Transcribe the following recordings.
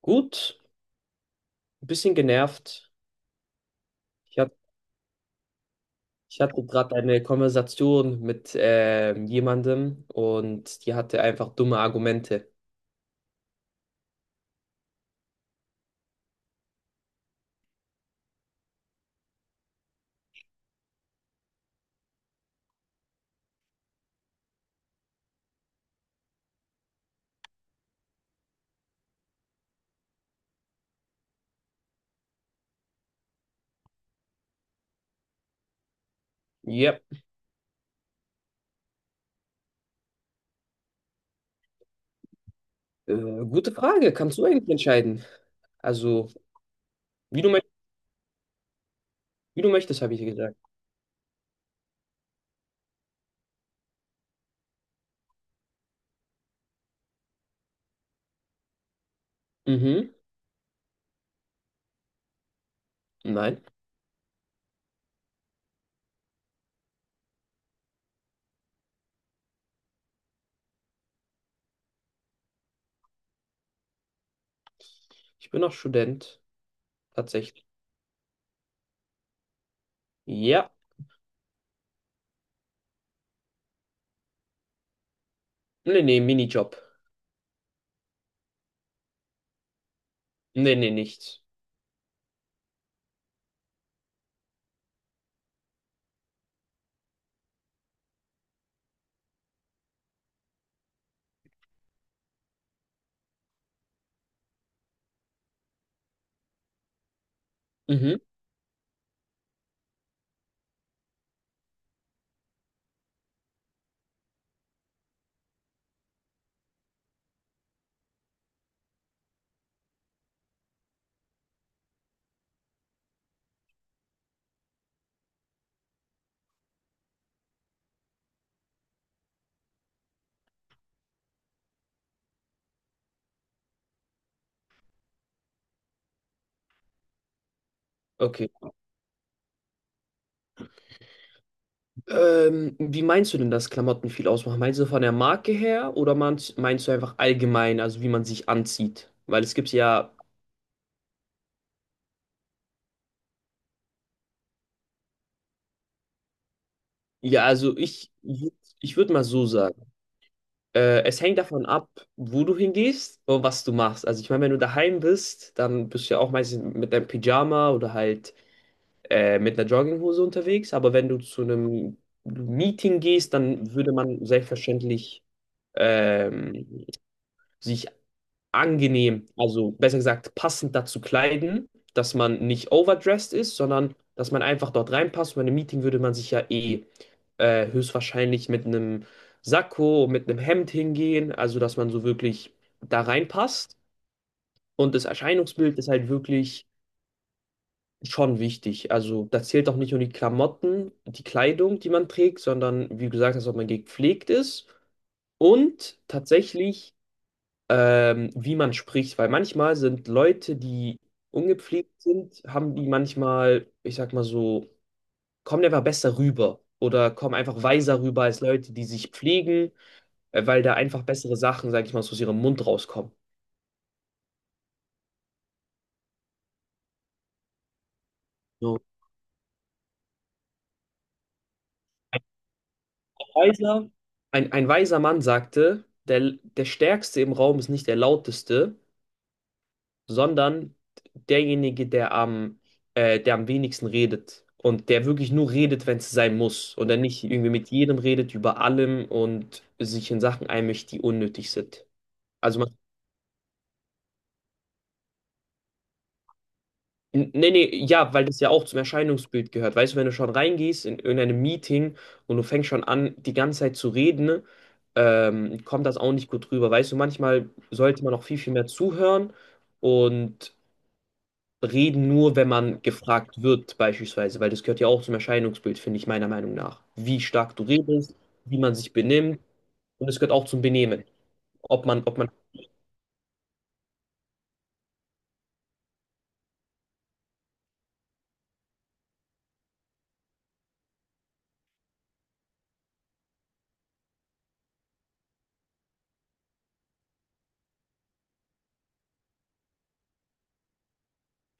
Gut, ein bisschen genervt. Ich hat, ich hatte gerade eine Konversation mit jemandem und die hatte einfach dumme Argumente. Ja, gute Frage. Kannst du eigentlich entscheiden? Also, wie du, möcht- wie du möchtest, habe ich dir gesagt. Mhm. Nein, ich bin noch Student, tatsächlich. Ja. Nee, nee, Minijob. Nee, nee, nichts. Mhm. Okay. Wie meinst du denn, dass Klamotten viel ausmachen? Meinst du von der Marke her oder meinst du einfach allgemein, also wie man sich anzieht? Weil es gibt ja, ja, ich würde mal so sagen, es hängt davon ab, wo du hingehst und was du machst. Also ich meine, wenn du daheim bist, dann bist du ja auch meistens mit deinem Pyjama oder halt mit einer Jogginghose unterwegs. Aber wenn du zu einem Meeting gehst, dann würde man selbstverständlich, ähm, sich angenehm, also besser gesagt passend dazu kleiden, dass man nicht overdressed ist, sondern dass man einfach dort reinpasst. Und bei einem Meeting würde man sich ja eh höchstwahrscheinlich mit einem Sakko, mit einem Hemd hingehen, also dass man so wirklich da reinpasst. Und das Erscheinungsbild ist halt wirklich schon wichtig. Also da zählt auch nicht nur die Klamotten, die Kleidung, die man trägt, sondern wie gesagt, dass auch man gepflegt ist. Und tatsächlich, wie man spricht, weil manchmal sind Leute, die ungepflegt sind, haben die manchmal, ich sag mal so, kommen einfach besser rüber oder kommen einfach weiser rüber als Leute, die sich pflegen, weil da einfach bessere Sachen, sag ich mal, so aus ihrem Mund rauskommen. So. Ein weiser, ein weiser Mann sagte, der Stärkste im Raum ist nicht der Lauteste, sondern derjenige, der am wenigsten redet und der wirklich nur redet, wenn es sein muss und der nicht irgendwie mit jedem redet, über allem und sich in Sachen einmischt, die unnötig sind. Also man, nee, nee, ja, weil das ja auch zum Erscheinungsbild gehört. Weißt du, wenn du schon reingehst in irgendeinem Meeting und du fängst schon an, die ganze Zeit zu reden, kommt das auch nicht gut rüber. Weißt du, manchmal sollte man auch viel mehr zuhören und reden nur, wenn man gefragt wird, beispielsweise, weil das gehört ja auch zum Erscheinungsbild, finde ich, meiner Meinung nach. Wie stark du redest, wie man sich benimmt, und es gehört auch zum Benehmen. Ob man, ob man,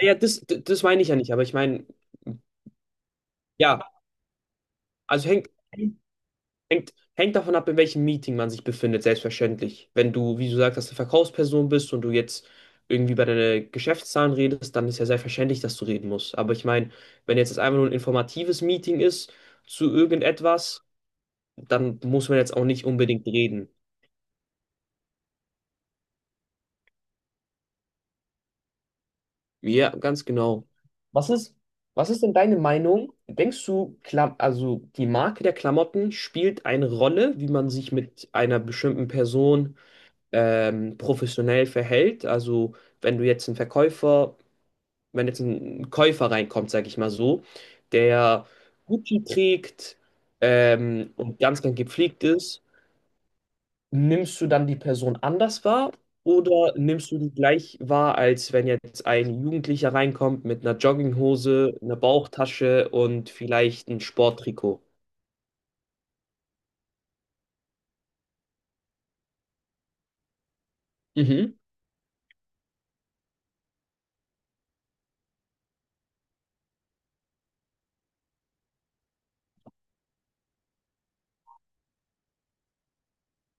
ja, das meine ich ja nicht, aber ich meine, ja, also hängt, hängt davon ab, in welchem Meeting man sich befindet, selbstverständlich. Wenn du, wie du sagst, dass du Verkaufsperson bist und du jetzt irgendwie bei deinen Geschäftszahlen redest, dann ist ja selbstverständlich, dass du reden musst. Aber ich meine, wenn jetzt das einfach nur ein informatives Meeting ist, zu irgendetwas, dann muss man jetzt auch nicht unbedingt reden. Ja, ganz genau. Was ist, was ist denn deine Meinung? Denkst du, Klam also die Marke der Klamotten spielt eine Rolle, wie man sich mit einer bestimmten Person, professionell verhält? Also wenn du jetzt einen Verkäufer, wenn jetzt ein Käufer reinkommt, sage ich mal so, der Gucci trägt, und ganz, ganz gepflegt ist, nimmst du dann die Person anders wahr oder nimmst du die gleich wahr, als wenn jetzt ein Jugendlicher reinkommt mit einer Jogginghose, einer Bauchtasche und vielleicht ein Sporttrikot? Mhm,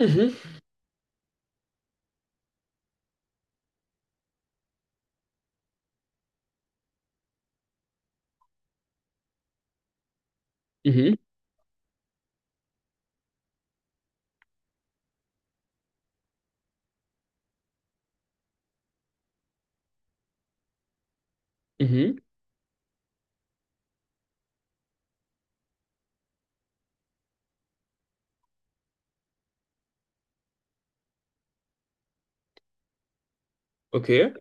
mhm, mhm, mhm, okay,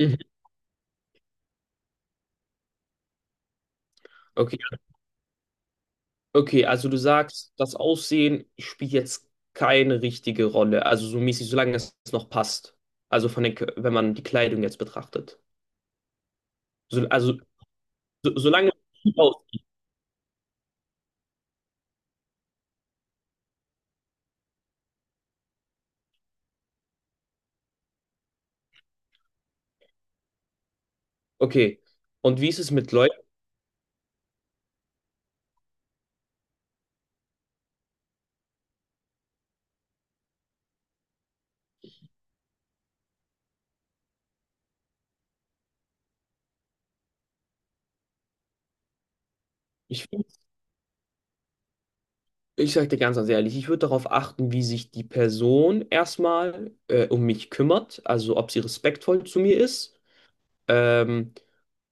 mhm, okay, okay, also du sagst, das Aussehen spielt jetzt keine richtige Rolle, also so mäßig, solange es noch passt. Also von den, wenn man die Kleidung jetzt betrachtet. So, also solange es gut aussieht. Okay. Und wie ist es mit Leuten? Ich, Ich sage dir ganz, ganz ehrlich, ich würde darauf achten, wie sich die Person erstmal um mich kümmert, also ob sie respektvoll zu mir ist. Ähm,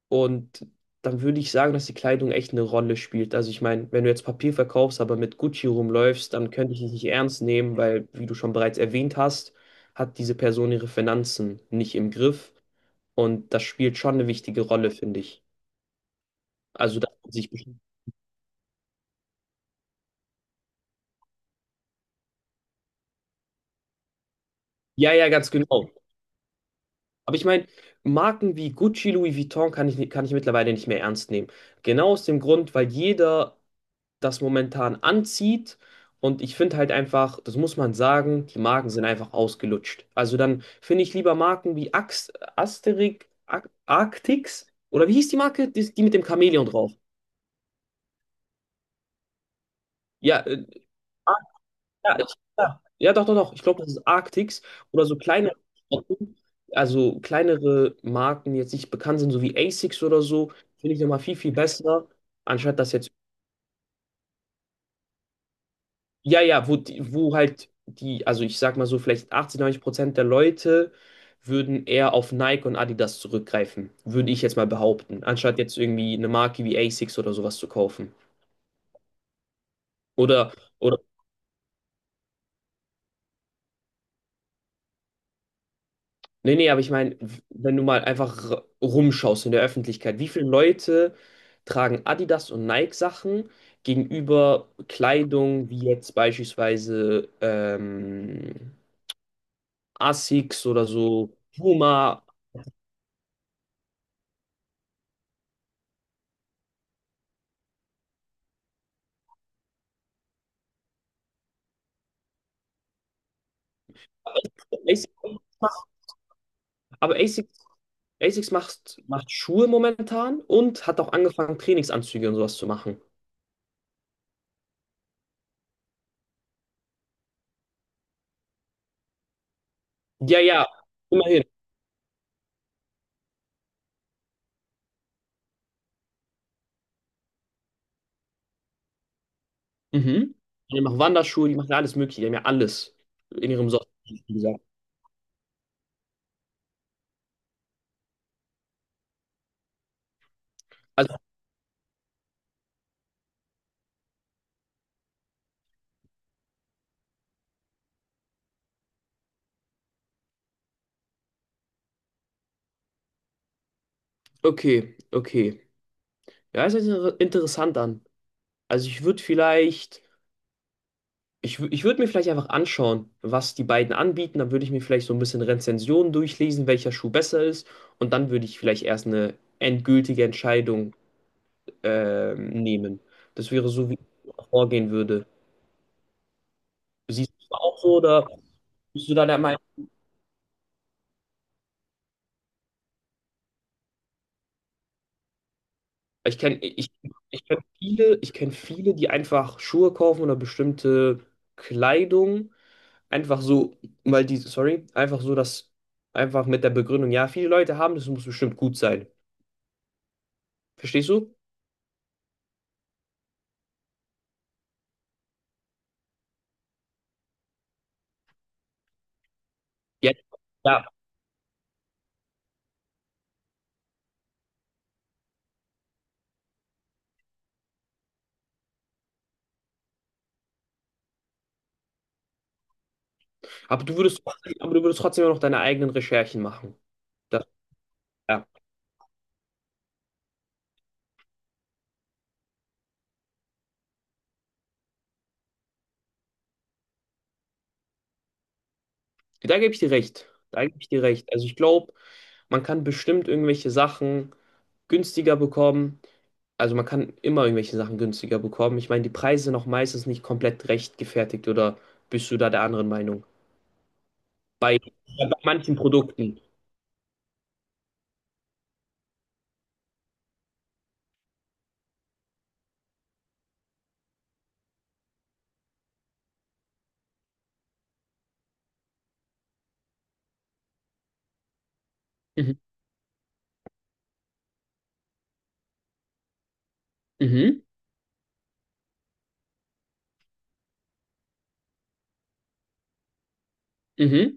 und dann würde ich sagen, dass die Kleidung echt eine Rolle spielt. Also ich meine, wenn du jetzt Papier verkaufst, aber mit Gucci rumläufst, dann könnte ich dich nicht ernst nehmen, weil, wie du schon bereits erwähnt hast, hat diese Person ihre Finanzen nicht im Griff. Und das spielt schon eine wichtige Rolle, finde ich. Also, dass man sich... Ja, ja, ganz genau. Aber ich meine, Marken wie Gucci, Louis Vuitton kann ich mittlerweile nicht mehr ernst nehmen. Genau aus dem Grund, weil jeder das momentan anzieht. Und ich finde halt einfach, das muss man sagen, die Marken sind einfach ausgelutscht. Also dann finde ich lieber Marken wie Ax, Asterix, Ar Arctix, oder wie hieß die Marke? Die, die mit dem Chamäleon drauf. Ja, äh, Ja, ich, ja, ja, doch. Ich glaube, das ist Arctics oder so kleine, also kleinere Marken, die jetzt nicht bekannt sind, so wie Asics oder so, finde ich nochmal viel besser, anstatt das jetzt, ja, ja, wo halt also ich sag mal so, vielleicht 80, 90% der Leute würden eher auf Nike und Adidas zurückgreifen, würde ich jetzt mal behaupten, anstatt jetzt irgendwie eine Marke wie Asics oder sowas zu kaufen. Oder, oder nee, nee, aber ich meine, wenn du mal einfach rumschaust in der Öffentlichkeit, wie viele Leute tragen Adidas und Nike-Sachen gegenüber Kleidung wie jetzt beispielsweise, Asics oder so, Puma. Asics Asics, Asics macht, macht Schuhe momentan und hat auch angefangen, Trainingsanzüge und sowas zu machen. Ja, ja, immerhin. Mhm. Die machen Wanderschuhe, die machen ja alles Mögliche, die haben ja alles in ihrem Sortiment, wie gesagt. Okay, okay. Ja, es hört sich interessant an. Also ich würde vielleicht, ich würde mir vielleicht einfach anschauen, was die beiden anbieten. Dann würde ich mir vielleicht so ein bisschen Rezensionen durchlesen, welcher Schuh besser ist. Und dann würde ich vielleicht erst eine endgültige Entscheidung, nehmen. Das wäre so, wie ich vorgehen würde. Siehst du das auch so oder bist du da der... Ich kenne ich, ich kenn viele, die einfach Schuhe kaufen oder bestimmte Kleidung. Einfach so, weil die, sorry, einfach so, dass einfach mit der Begründung, ja, viele Leute haben, das muss bestimmt gut sein. Verstehst du? Ja. Ja. Aber aber du würdest trotzdem noch deine eigenen Recherchen machen. Das, ja. Da gebe ich dir recht. Da gebe ich dir recht. Also ich glaube, man kann bestimmt irgendwelche Sachen günstiger bekommen. Also man kann immer irgendwelche Sachen günstiger bekommen. Ich meine, die Preise sind auch meistens nicht komplett rechtgefertigt oder bist du da der anderen Meinung? Bei, bei manchen Produkten. Mhm, mhm, mhm,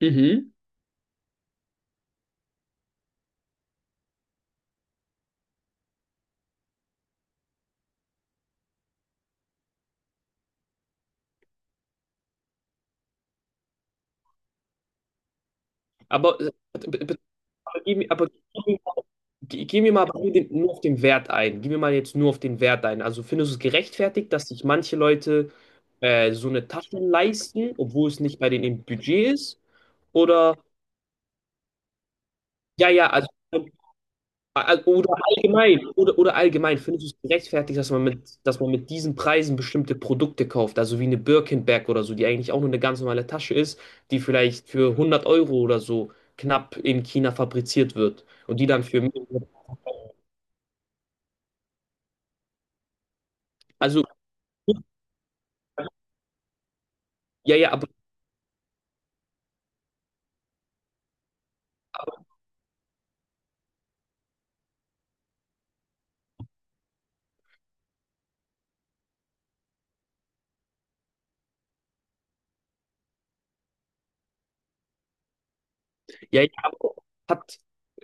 mhm. Aber, b- b- aber, aber gib mir mal, gib gib mir mal nur den, nur auf den Wert ein. Gib mir mal jetzt nur auf den Wert ein. Also findest du es gerechtfertigt, dass sich manche Leute so eine Tasche leisten, obwohl es nicht bei denen im Budget ist? Oder, ja, ja, also oder allgemein, oder allgemein, findest du es gerechtfertigt, dass man mit diesen Preisen bestimmte Produkte kauft, also wie eine Birkenbag oder so, die eigentlich auch nur eine ganz normale Tasche ist, die vielleicht für 100 Euro oder so knapp in China fabriziert wird und die dann für, also, ja, ja, aber, ja, ja, hat,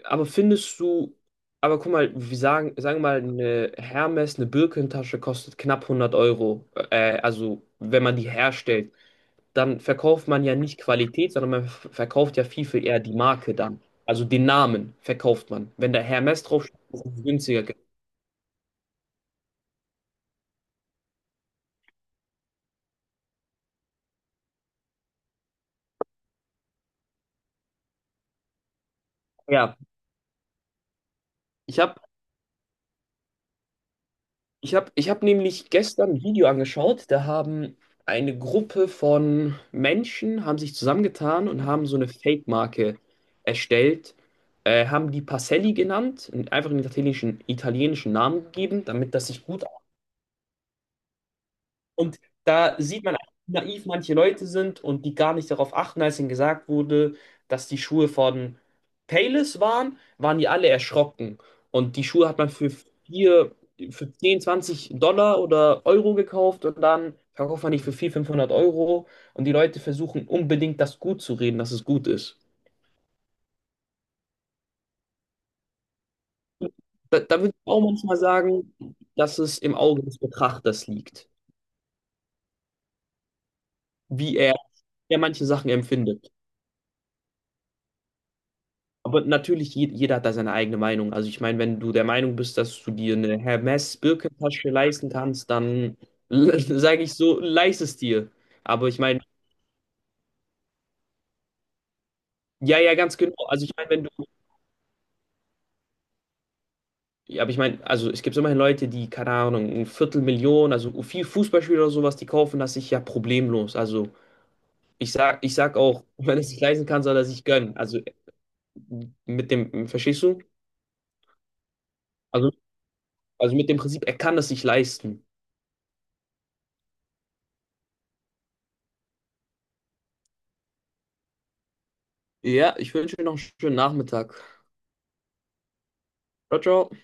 aber findest du, aber guck mal, sagen wir mal, eine Hermes, eine Birkentasche kostet knapp 100 Euro, also, wenn man die herstellt. Dann verkauft man ja nicht Qualität, sondern verkauft ja viel, viel eher die Marke dann. Also den Namen verkauft man. Wenn da Hermes draufsteht, ist es günstiger. Ja, ich habe ich hab nämlich gestern ein Video angeschaut, da haben eine Gruppe von Menschen, haben sich zusammengetan und haben so eine Fake-Marke erstellt, haben die Pacelli genannt, und einfach einen italienischen, italienischen Namen gegeben, damit das sich gut... Und da sieht man, wie naiv manche Leute sind und die gar nicht darauf achten, als ihnen gesagt wurde, dass die Schuhe von Payless waren, waren die alle erschrocken. Und die Schuhe hat man für vier, für 10, 20 Dollar oder Euro gekauft und dann verkauft man die für 400, 500 Euro. Und die Leute versuchen unbedingt, das gut zu reden, dass es gut ist. Da würde ich auch manchmal sagen, dass es im Auge des Betrachters liegt, wie er, wie er manche Sachen empfindet. Aber natürlich, jeder hat da seine eigene Meinung. Also ich meine, wenn du der Meinung bist, dass du dir eine Hermes-Birkentasche leisten kannst, dann sage ich so, leist es dir. Aber ich meine, ja, ja, ganz genau. Also ich meine, wenn du, ja, aber ich meine, also es gibt immerhin Leute, die, keine Ahnung, ein Viertelmillion, also viel Fußballspieler oder sowas, die kaufen das sich ja problemlos. Also ich sag auch, wenn es sich leisten kann, soll er sich gönnen. Also mit dem, verstehst du? Also, also mit dem Prinzip, er kann es sich leisten. Ja, ich wünsche dir noch einen schönen Nachmittag. Ciao, ciao.